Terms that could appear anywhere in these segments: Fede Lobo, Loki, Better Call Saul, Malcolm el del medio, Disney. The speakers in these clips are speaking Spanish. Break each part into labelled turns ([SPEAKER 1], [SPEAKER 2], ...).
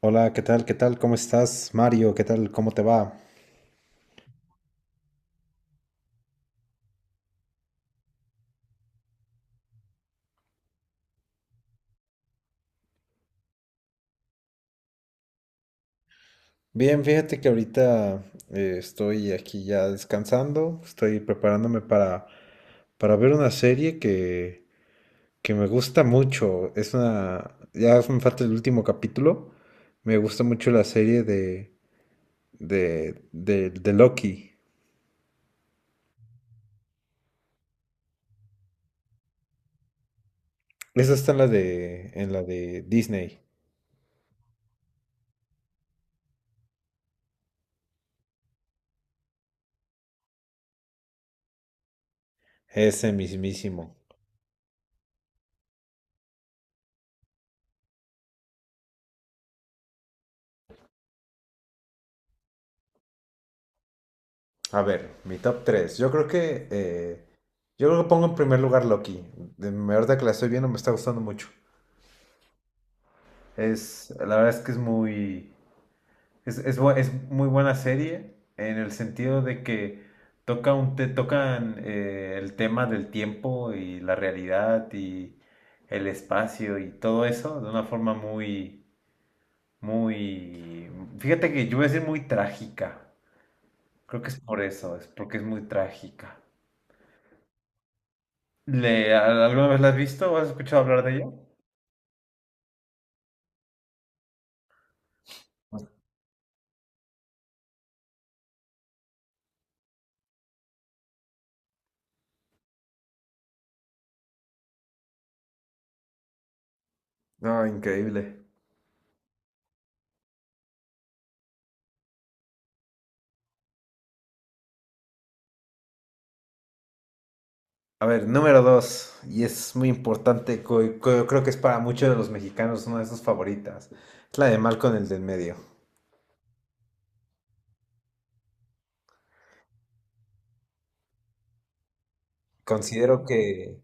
[SPEAKER 1] Hola, ¿qué tal? ¿Qué tal? ¿Cómo estás, Mario? ¿Qué tal? ¿Cómo te va? Bien, fíjate que ahorita estoy aquí ya descansando, estoy preparándome para ver una serie que me gusta mucho. Es una, ya me falta el último capítulo. Me gusta mucho la serie de Loki. Esa está en la en la de Disney. Ese mismísimo. A ver, mi top 3. Yo creo que, yo creo que pongo en primer lugar Loki. Ahorita que la estoy viendo, me está gustando mucho. Es, la verdad es que es muy. Es muy buena serie en el sentido de que toca te tocan el tema del tiempo y la realidad y el espacio y todo eso de una forma muy. Fíjate que yo voy a decir muy trágica. Creo que es por eso, es porque es muy trágica. Alguna vez la has visto o has escuchado hablar de ella? No, increíble. A ver, número dos, y es muy importante, creo que es para muchos de los mexicanos una de sus favoritas, es la de Malcolm el del medio. Considero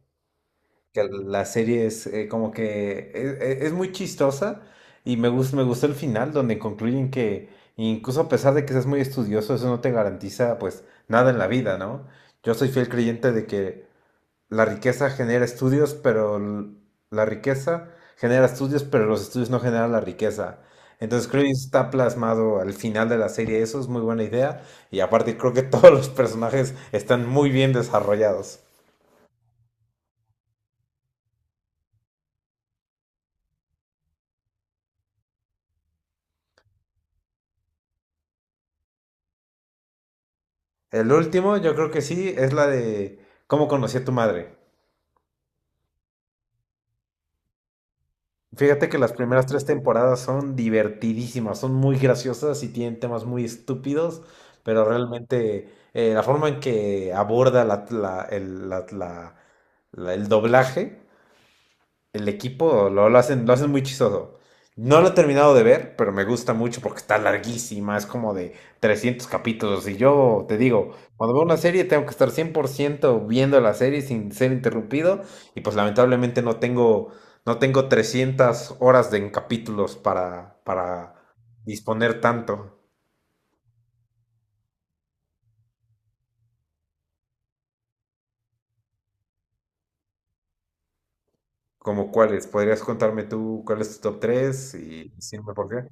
[SPEAKER 1] que la serie es como que es muy chistosa y me gusta, me gustó el final donde concluyen que incluso a pesar de que seas muy estudioso, eso no te garantiza pues nada en la vida, ¿no? Yo soy fiel creyente de que la riqueza genera estudios, la riqueza genera estudios, pero los estudios no generan la riqueza. Entonces creo que está plasmado al final de la serie, eso es muy buena idea. Y aparte creo que todos los personajes están muy bien desarrollados. El último, yo creo que sí, es la de cómo conocí a tu madre. Fíjate que las primeras tres temporadas son divertidísimas, son muy graciosas y tienen temas muy estúpidos, pero realmente la forma en que aborda la, la el- la- la- la- el doblaje, el equipo lo hacen muy chistoso. No lo he terminado de ver, pero me gusta mucho porque está larguísima, es como de 300 capítulos. Y yo te digo, cuando veo una serie tengo que estar 100% viendo la serie sin ser interrumpido. Y pues lamentablemente no tengo, no tengo 300 horas de, en capítulos para disponer tanto. Como cuáles, podrías contarme tú cuál es tu top 3 y decirme por qué.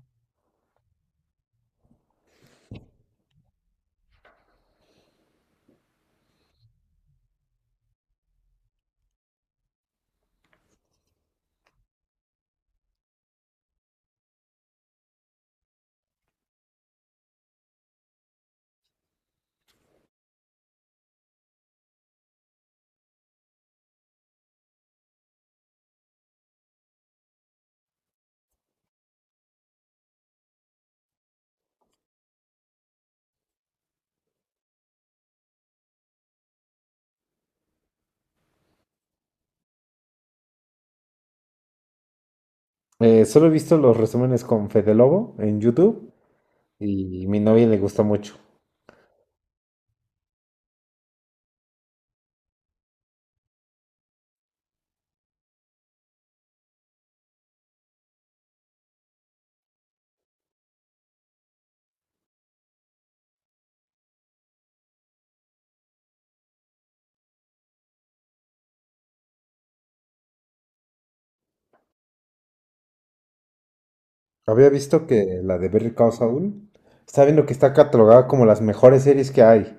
[SPEAKER 1] Solo he visto los resúmenes con Fede Lobo en YouTube y mi novia le gusta mucho. Había visto que la de Better Call Saul está viendo que está catalogada como las mejores series que hay.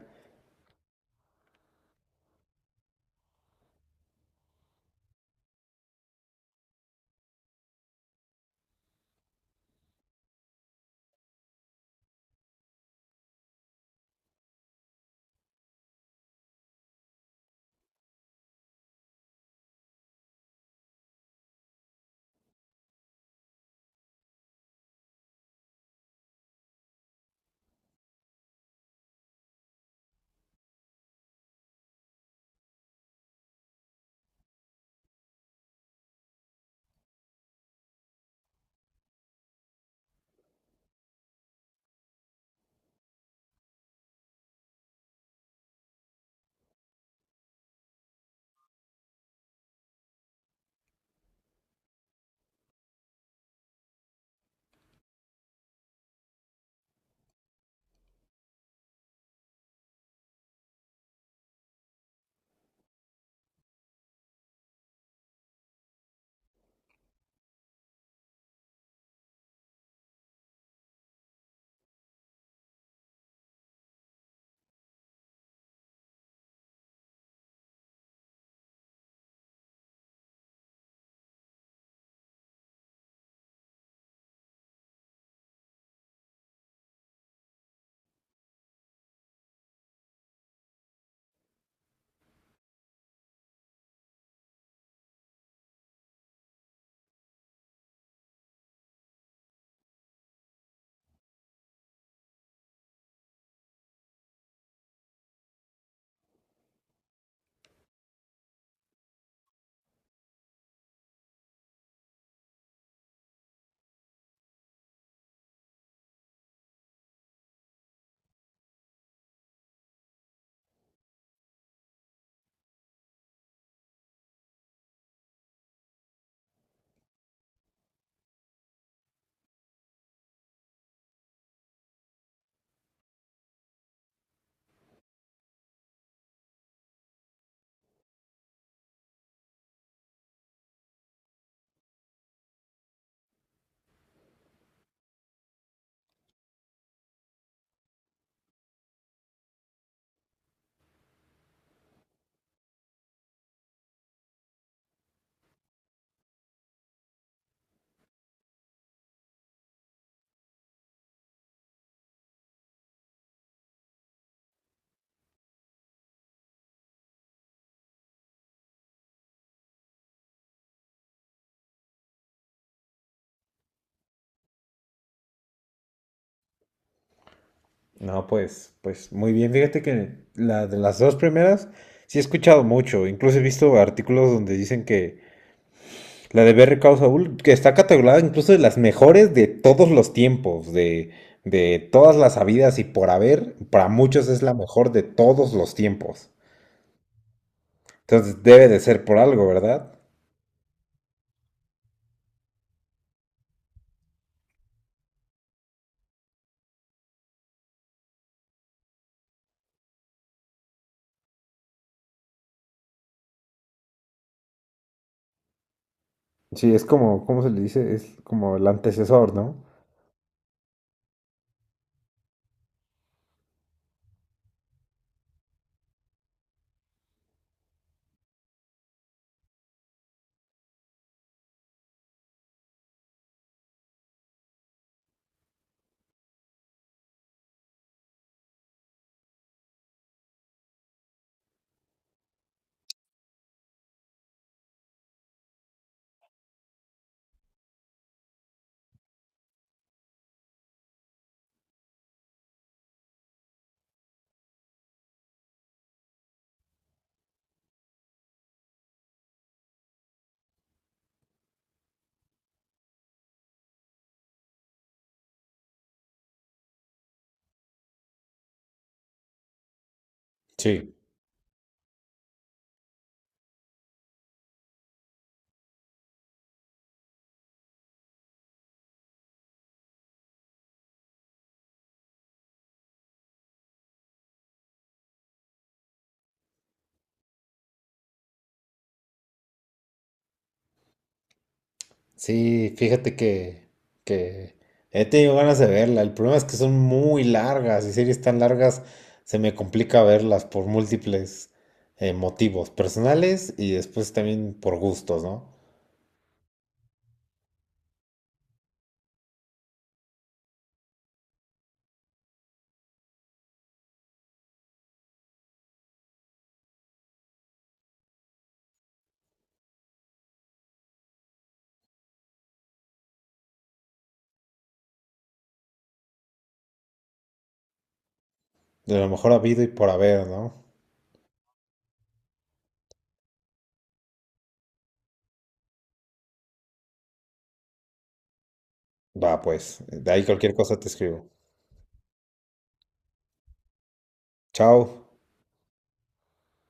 [SPEAKER 1] No, pues, pues muy bien. Fíjate que la de las dos primeras sí he escuchado mucho. Incluso he visto artículos donde dicen que la de Better Call Saul, que está catalogada incluso de las mejores de todos los tiempos, de todas las habidas y por haber, para muchos es la mejor de todos los tiempos. Entonces debe de ser por algo, ¿verdad? Sí, es como, ¿cómo se le dice? Es como el antecesor, ¿no? Sí, sí, fíjate que he tenido ganas de verla. El problema es que son muy largas y series tan largas se me complica verlas por múltiples motivos personales y después también por gustos, ¿no? De lo mejor habido y por haber, ¿no? Va, pues, de ahí cualquier cosa te escribo. Chao.